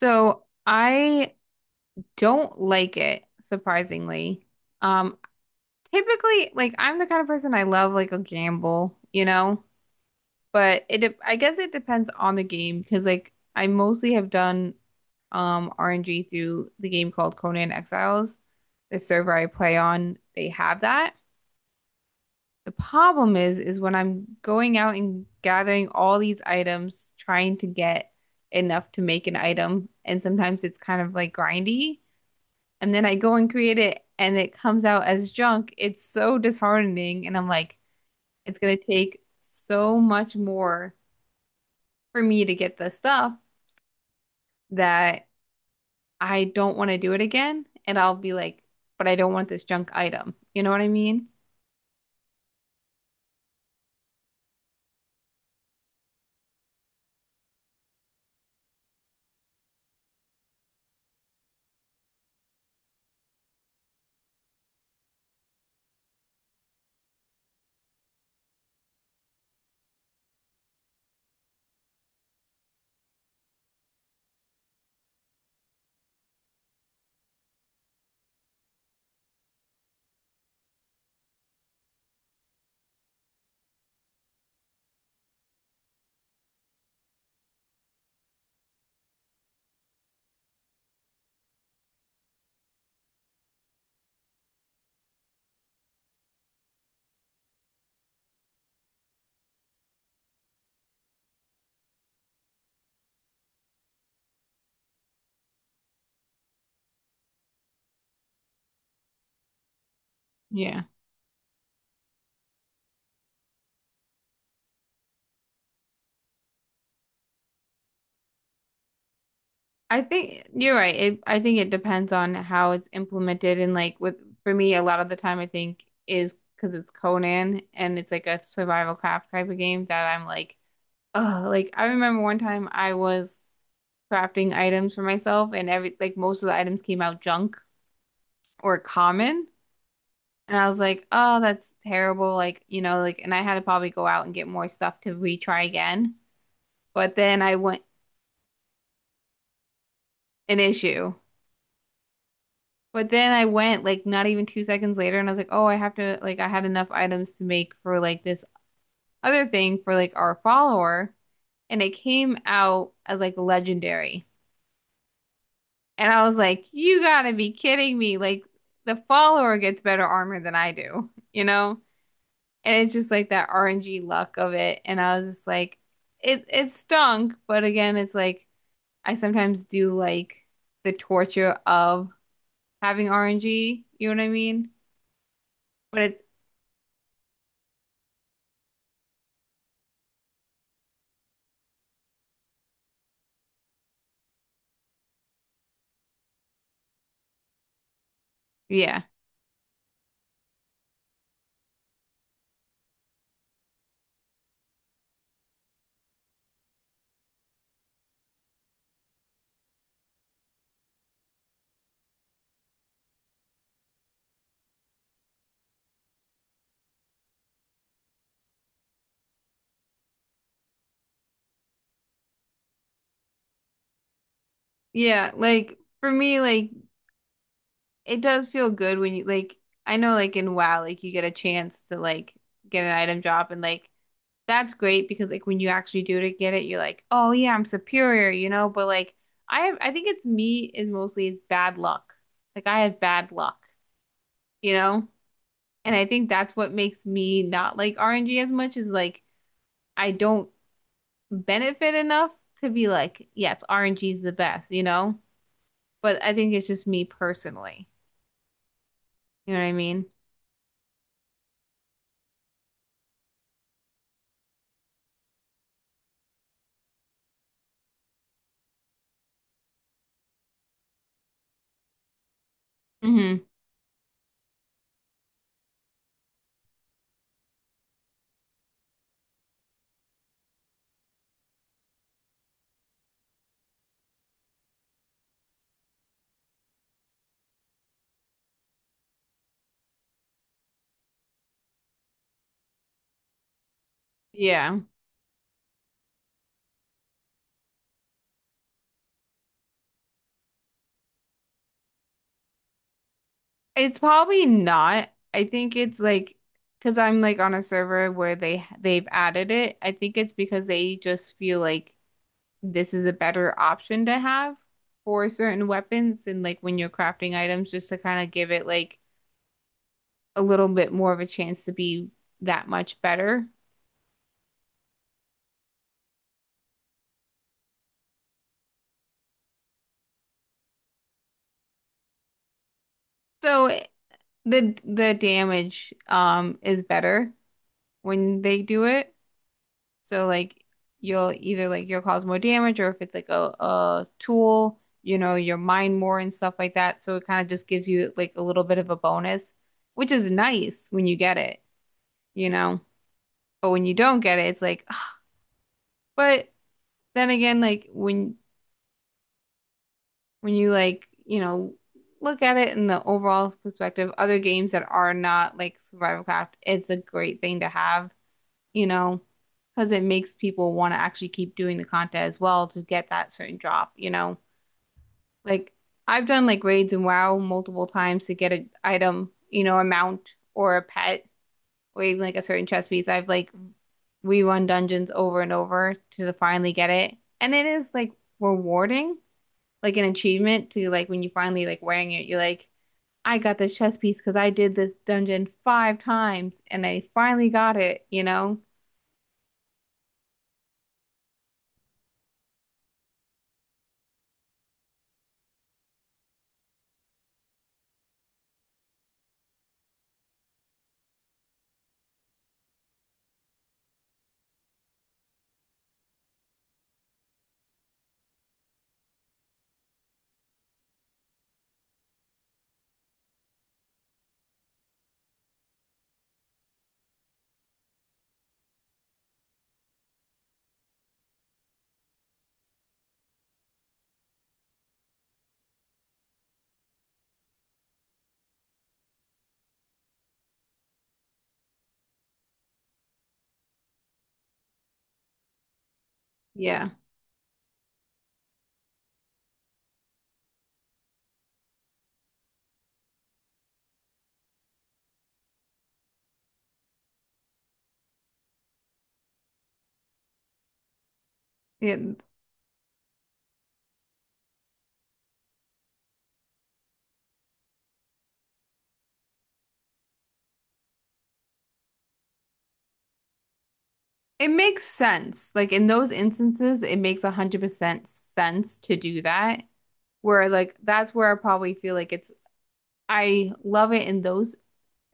So I don't like it, surprisingly. Um, Typically, like I'm the kind of person, I love like a gamble, you know, but I guess it depends on the game because like I mostly have done RNG through the game called Conan Exiles. The server I play on, they have that. The problem is when I'm going out and gathering all these items, trying to get enough to make an item, and sometimes it's kind of like grindy. And then I go and create it and it comes out as junk. It's so disheartening. And I'm like, it's gonna take so much more for me to get the stuff that I don't want to do it again. And I'll be like, but I don't want this junk item. You know what I mean? Yeah. I think you're right. It, I think it depends on how it's implemented, and like with, for me, a lot of the time I think is because it's Conan and it's like a survival craft type of game that I'm like, oh, like I remember one time I was crafting items for myself, and every like most of the items came out junk or common. And I was like, oh, that's terrible. Like, you know, like, and I had to probably go out and get more stuff to retry again. But then I went An issue. But then I went like not even 2 seconds later, and I was like, oh, I have to like, I had enough items to make for like this other thing for like our follower, and it came out as like legendary. And I was like, you gotta be kidding me! Like the follower gets better armor than I do, you know? And it's just like that RNG luck of it. And I was just like, it stunk, but again, it's like I sometimes do like the torture of having RNG, you know what I mean? But it's yeah. Yeah, like for me, like it does feel good when you like, I know like in WoW, like you get a chance to like get an item drop and like that's great because like when you actually do to get it, you're like, oh yeah, I'm superior, you know? But like I have, I think it's me is mostly is bad luck. Like I have bad luck, you know? And I think that's what makes me not like RNG as much is like I don't benefit enough to be like, yes, RNG is the best, you know? But I think it's just me personally. You know what I mean? Hmm. Yeah. It's probably not. I think it's like because I'm like on a server where they've added it. I think it's because they just feel like this is a better option to have for certain weapons and like when you're crafting items, just to kind of give it like a little bit more of a chance to be that much better. So the damage is better when they do it. So like you'll either like you'll cause more damage, or if it's like a tool, you know, you'll mine more and stuff like that. So it kind of just gives you like a little bit of a bonus, which is nice when you get it, you know. But when you don't get it, it's like but then again, like when you like, you know, look at it in the overall perspective, other games that are not like Survival Craft, it's a great thing to have, you know, because it makes people want to actually keep doing the content as well to get that certain drop, you know. Like I've done like raids in WoW multiple times to get an item, you know, a mount or a pet or even like a certain chest piece. I've like rerun dungeons over and over to finally get it. And it is like rewarding, like an achievement to like when you finally like wearing it, you're like, I got this chest piece because I did this dungeon 5 times and I finally got it, you know? Yeah. It, it makes sense. Like in those instances, it makes 100% sense to do that, where like that's where I probably feel like it's I love it in those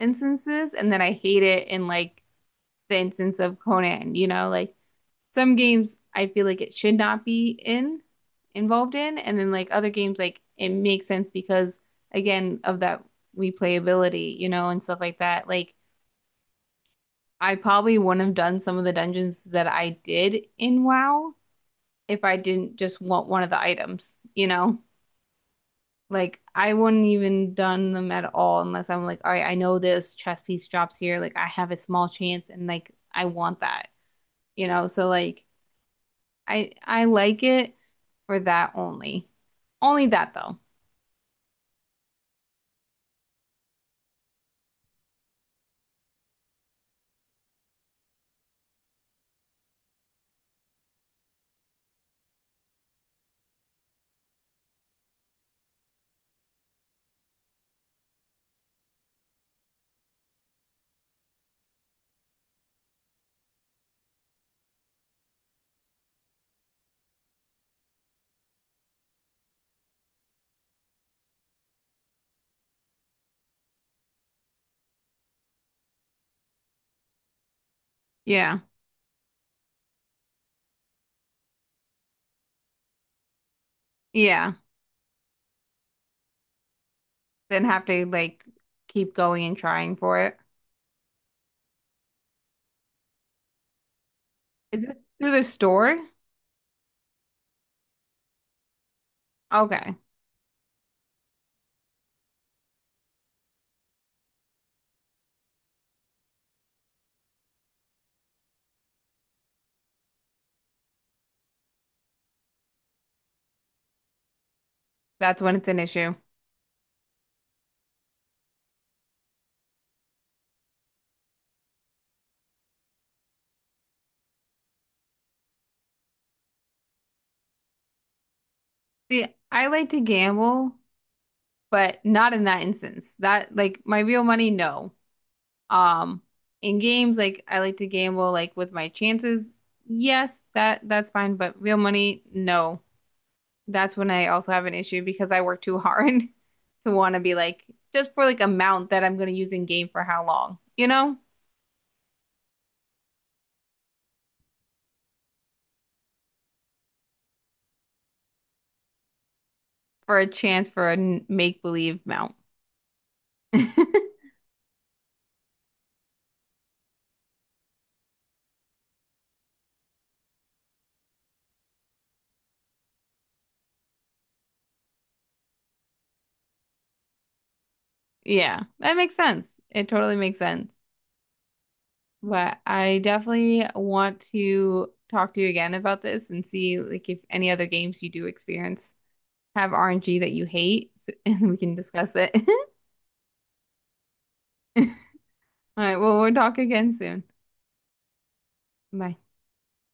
instances, and then I hate it in like the instance of Conan, you know, like some games I feel like it should not be in involved in, and then like other games like it makes sense because again of that replayability, you know, and stuff like that. Like I probably wouldn't have done some of the dungeons that I did in WoW if I didn't just want one of the items, you know? Like I wouldn't even done them at all unless I'm like, all right, I know this chess piece drops here. Like I have a small chance and like I want that, you know? So like I like it for that only. Only that though. Yeah. Yeah. Then have to like keep going and trying for it. Is it through the store? Okay. That's when it's an issue. See, I like to gamble, but not in that instance. That like my real money, no. Um, in games, like I like to gamble like with my chances. Yes, that's fine, but real money, no. That's when I also have an issue because I work too hard to want to be like just for like amount that I'm going to use in game for how long, you know? For a chance for a make believe mount. Yeah, that makes sense. It totally makes sense. But I definitely want to talk to you again about this and see like if any other games you do experience have RNG that you hate, so, and we can discuss it. All right, well, we'll talk again soon. Bye.